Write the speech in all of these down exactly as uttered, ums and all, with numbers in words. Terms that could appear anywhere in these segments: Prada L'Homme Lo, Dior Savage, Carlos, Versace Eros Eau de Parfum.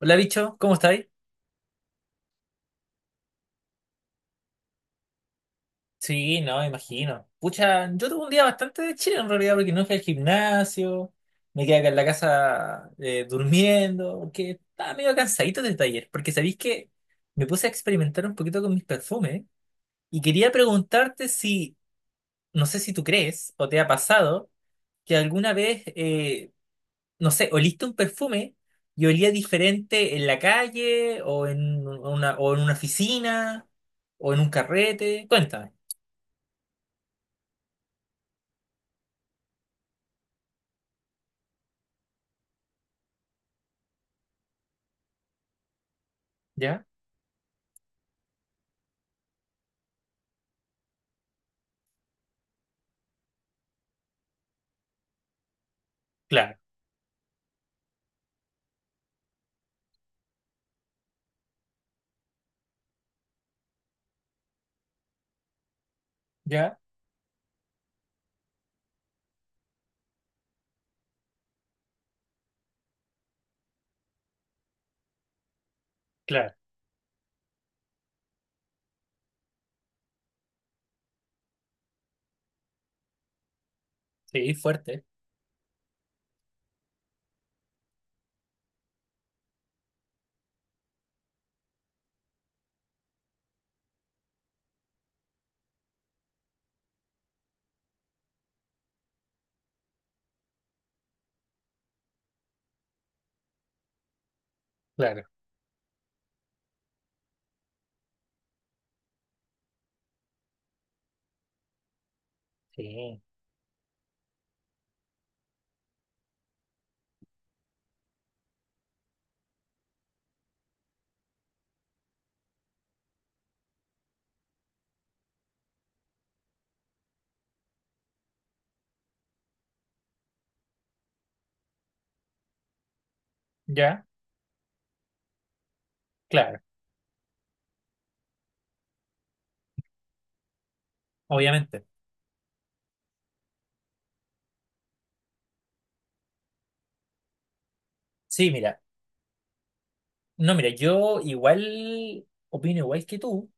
Hola, bicho, ¿cómo estáis? Sí, no, me imagino. Pucha, yo tuve un día bastante de chile en realidad porque no fui al gimnasio, me quedé acá en la casa, eh, durmiendo, porque estaba medio cansadito del taller, porque sabéis que me puse a experimentar un poquito con mis perfumes y quería preguntarte si, no sé si tú crees o te ha pasado que alguna vez, eh, no sé, oliste un perfume y olía diferente en la calle o en una, o en una oficina o en un carrete, cuéntame. Ya, claro, ya, claro. Sí, fuerte, claro, sí, ya, claro, obviamente. Sí, mira, no, mira, yo igual opino igual que tú,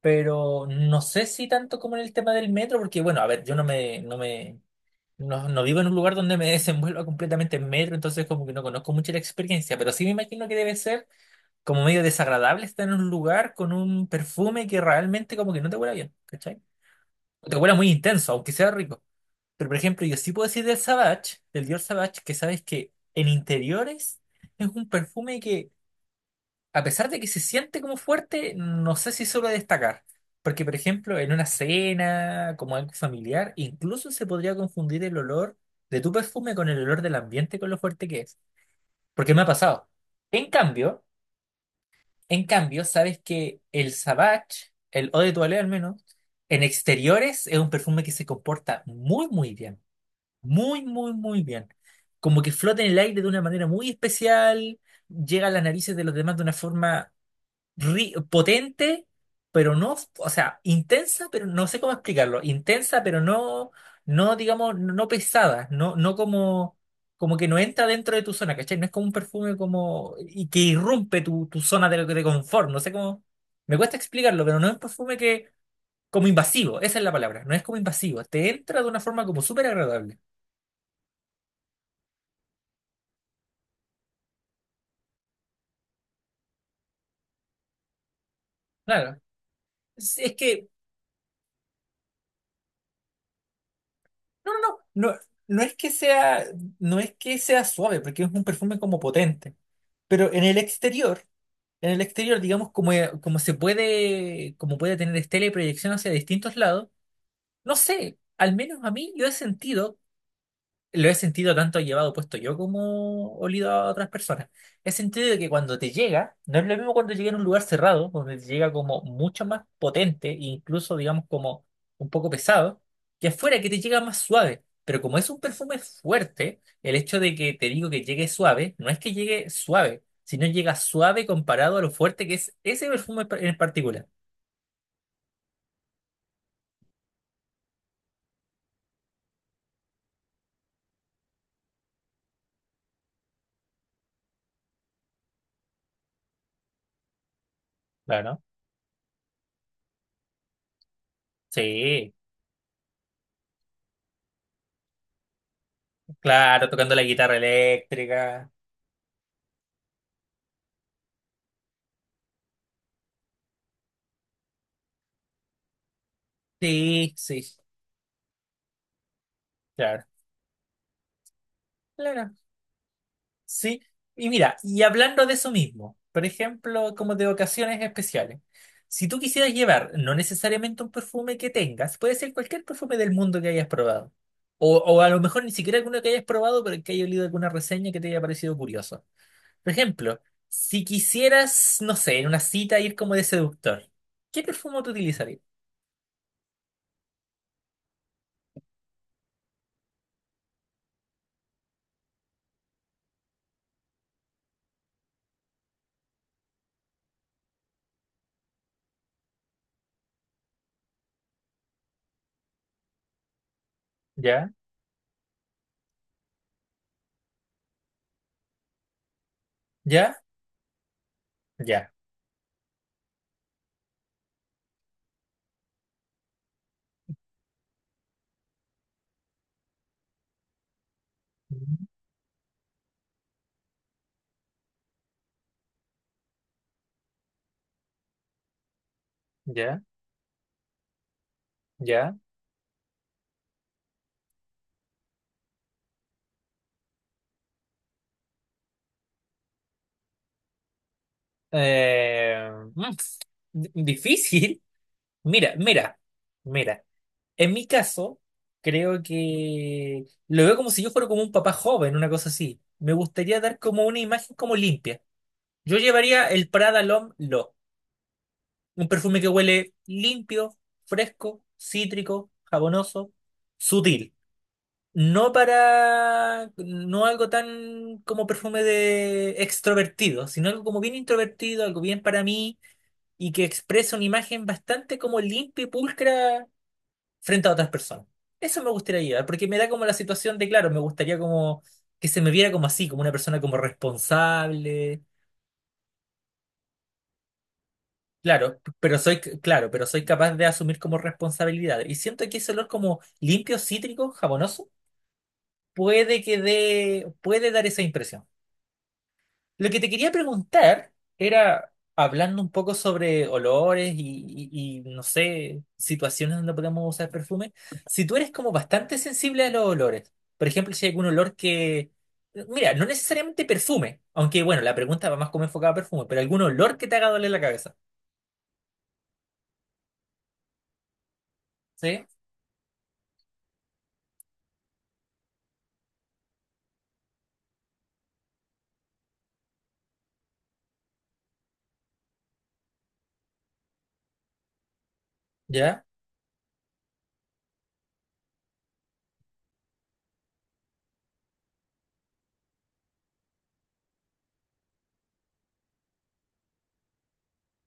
pero no sé si tanto como en el tema del metro, porque bueno, a ver, yo no me, no me, no, no vivo en un lugar donde me desenvuelva completamente en metro, entonces como que no conozco mucho la experiencia, pero sí me imagino que debe ser como medio desagradable estar en un lugar con un perfume que realmente como que no te huela bien, ¿cachai? O te huela muy intenso, aunque sea rico. Pero, por ejemplo, yo sí puedo decir del Savage, del Dior Savage, que sabes que en interiores es un perfume que, a pesar de que se siente como fuerte, no sé si suele destacar. Porque, por ejemplo, en una cena, como algo familiar, incluso se podría confundir el olor de tu perfume con el olor del ambiente, con lo fuerte que es. Porque me ha pasado. En cambio, en cambio, sabes que el Savage, el Eau de Toilette al menos, en exteriores es un perfume que se comporta muy, muy bien. Muy, muy, muy bien. Como que flota en el aire de una manera muy especial, llega a las narices de los demás de una forma ri- potente, pero no, o sea, intensa, pero no sé cómo explicarlo. Intensa, pero no, no, digamos, no no pesada, no, no como, como que no entra dentro de tu zona, ¿cachai? No es como un perfume como, y que irrumpe tu, tu zona de, de confort, no sé cómo, me cuesta explicarlo, pero no es un perfume que, como invasivo, esa es la palabra, no es como invasivo, te entra de una forma como súper agradable. Claro. Es es que, no, no, no, no, no es que sea, no es que sea suave, porque es un perfume como potente, pero en el exterior, en el exterior, digamos, como, eh, como se puede, como puede tener estela y proyección hacia distintos lados, no sé, al menos a mí yo he sentido lo he sentido tanto llevado puesto yo como olido a otras personas. He sentido de que cuando te llega, no es lo mismo cuando llega en un lugar cerrado, donde te llega como mucho más potente, e incluso digamos como un poco pesado, que afuera que te llega más suave. Pero como es un perfume fuerte, el hecho de que te digo que llegue suave, no es que llegue suave, sino llega suave comparado a lo fuerte que es ese perfume en particular. Claro. Sí, claro, tocando la guitarra eléctrica. Sí, sí, claro. Claro. Sí, y mira, y hablando de eso mismo, por ejemplo, como de ocasiones especiales, si tú quisieras llevar no necesariamente un perfume que tengas, puede ser cualquier perfume del mundo que hayas probado, o, o a lo mejor ni siquiera alguno que hayas probado, pero que haya leído alguna reseña que te haya parecido curioso. Por ejemplo, si quisieras, no sé, en una cita ir como de seductor, ¿qué perfume tú utilizarías? ¿Ya? ¿Ya? ¿Ya? ¿Ya? ¿Ya? Eh, mm, d- Difícil. Mira, mira, mira. En mi caso, creo que lo veo como si yo fuera como un papá joven, una cosa así. Me gustaría dar como una imagen como limpia. Yo llevaría el Prada L'Homme Lo, un perfume que huele limpio, fresco, cítrico, jabonoso, sutil. No para, no algo tan como perfume de extrovertido, sino algo como bien introvertido, algo bien para mí y que expresa una imagen bastante como limpia y pulcra frente a otras personas. Eso me gustaría llevar, porque me da como la situación de, claro, me gustaría como que se me viera como así, como una persona como responsable. Claro, pero soy, claro, pero soy capaz de asumir como responsabilidad. Y siento que ese olor como limpio, cítrico, jabonoso, puede que dé, puede dar esa impresión. Lo que te quería preguntar era, hablando un poco sobre olores y, y- y, no sé, situaciones donde podemos usar perfume, si tú eres como bastante sensible a los olores, por ejemplo, si hay algún olor que, mira, no necesariamente perfume, aunque bueno, la pregunta va más como enfocada a perfume, pero algún olor que te haga doler la cabeza, ¿sí? Ya,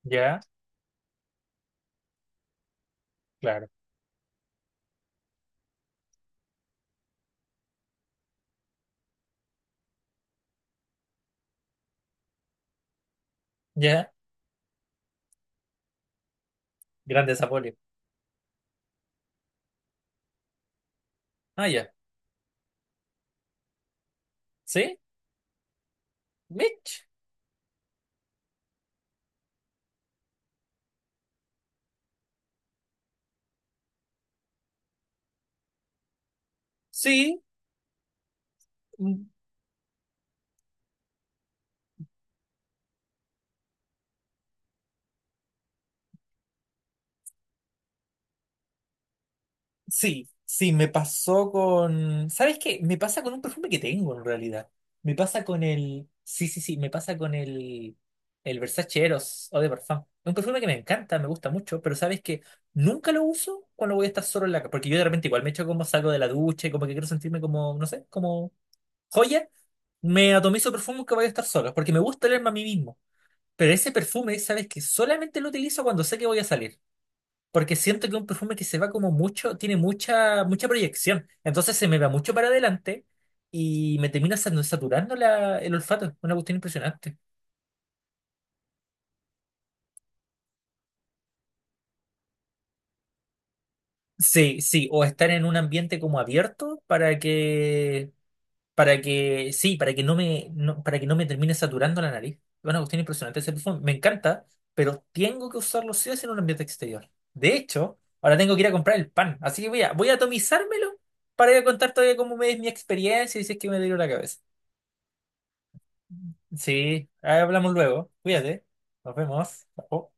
ya, claro, ya, grande Zapolio. Ah, ya, ¿sí? Mitch, sí. Sí, sí, me pasó con... ¿Sabes qué? Me pasa con un perfume que tengo en realidad. Me pasa con el... Sí, sí, sí, me pasa con el... El Versace Eros Eau de Parfum. Es un perfume que me encanta, me gusta mucho, pero ¿sabes que nunca lo uso cuando voy a estar solo en la casa? Porque yo de repente igual me echo, como salgo de la ducha y como que quiero sentirme como, no sé, como joya. Me atomizo perfume que voy a estar solo, porque me gusta olerme a mí mismo. Pero ese perfume, ¿sabes que solamente lo utilizo cuando sé que voy a salir? Porque siento que es un perfume que se va como mucho, tiene mucha, mucha proyección. Entonces se me va mucho para adelante y me termina sat- saturando la- el olfato. Una cuestión impresionante. Sí, sí, o estar en un ambiente como abierto para que, para que, sí, para que no me, no- para que no me termine saturando la nariz. Una cuestión impresionante ese perfume. Me encanta, pero tengo que usarlo sí o sí en un ambiente exterior. De hecho, ahora tengo que ir a comprar el pan. Así que voy a, voy a atomizármelo para ir a contar todavía cómo me es mi experiencia y si es que me dio la cabeza. Sí, ahí hablamos luego. Cuídate. Nos vemos. Chao.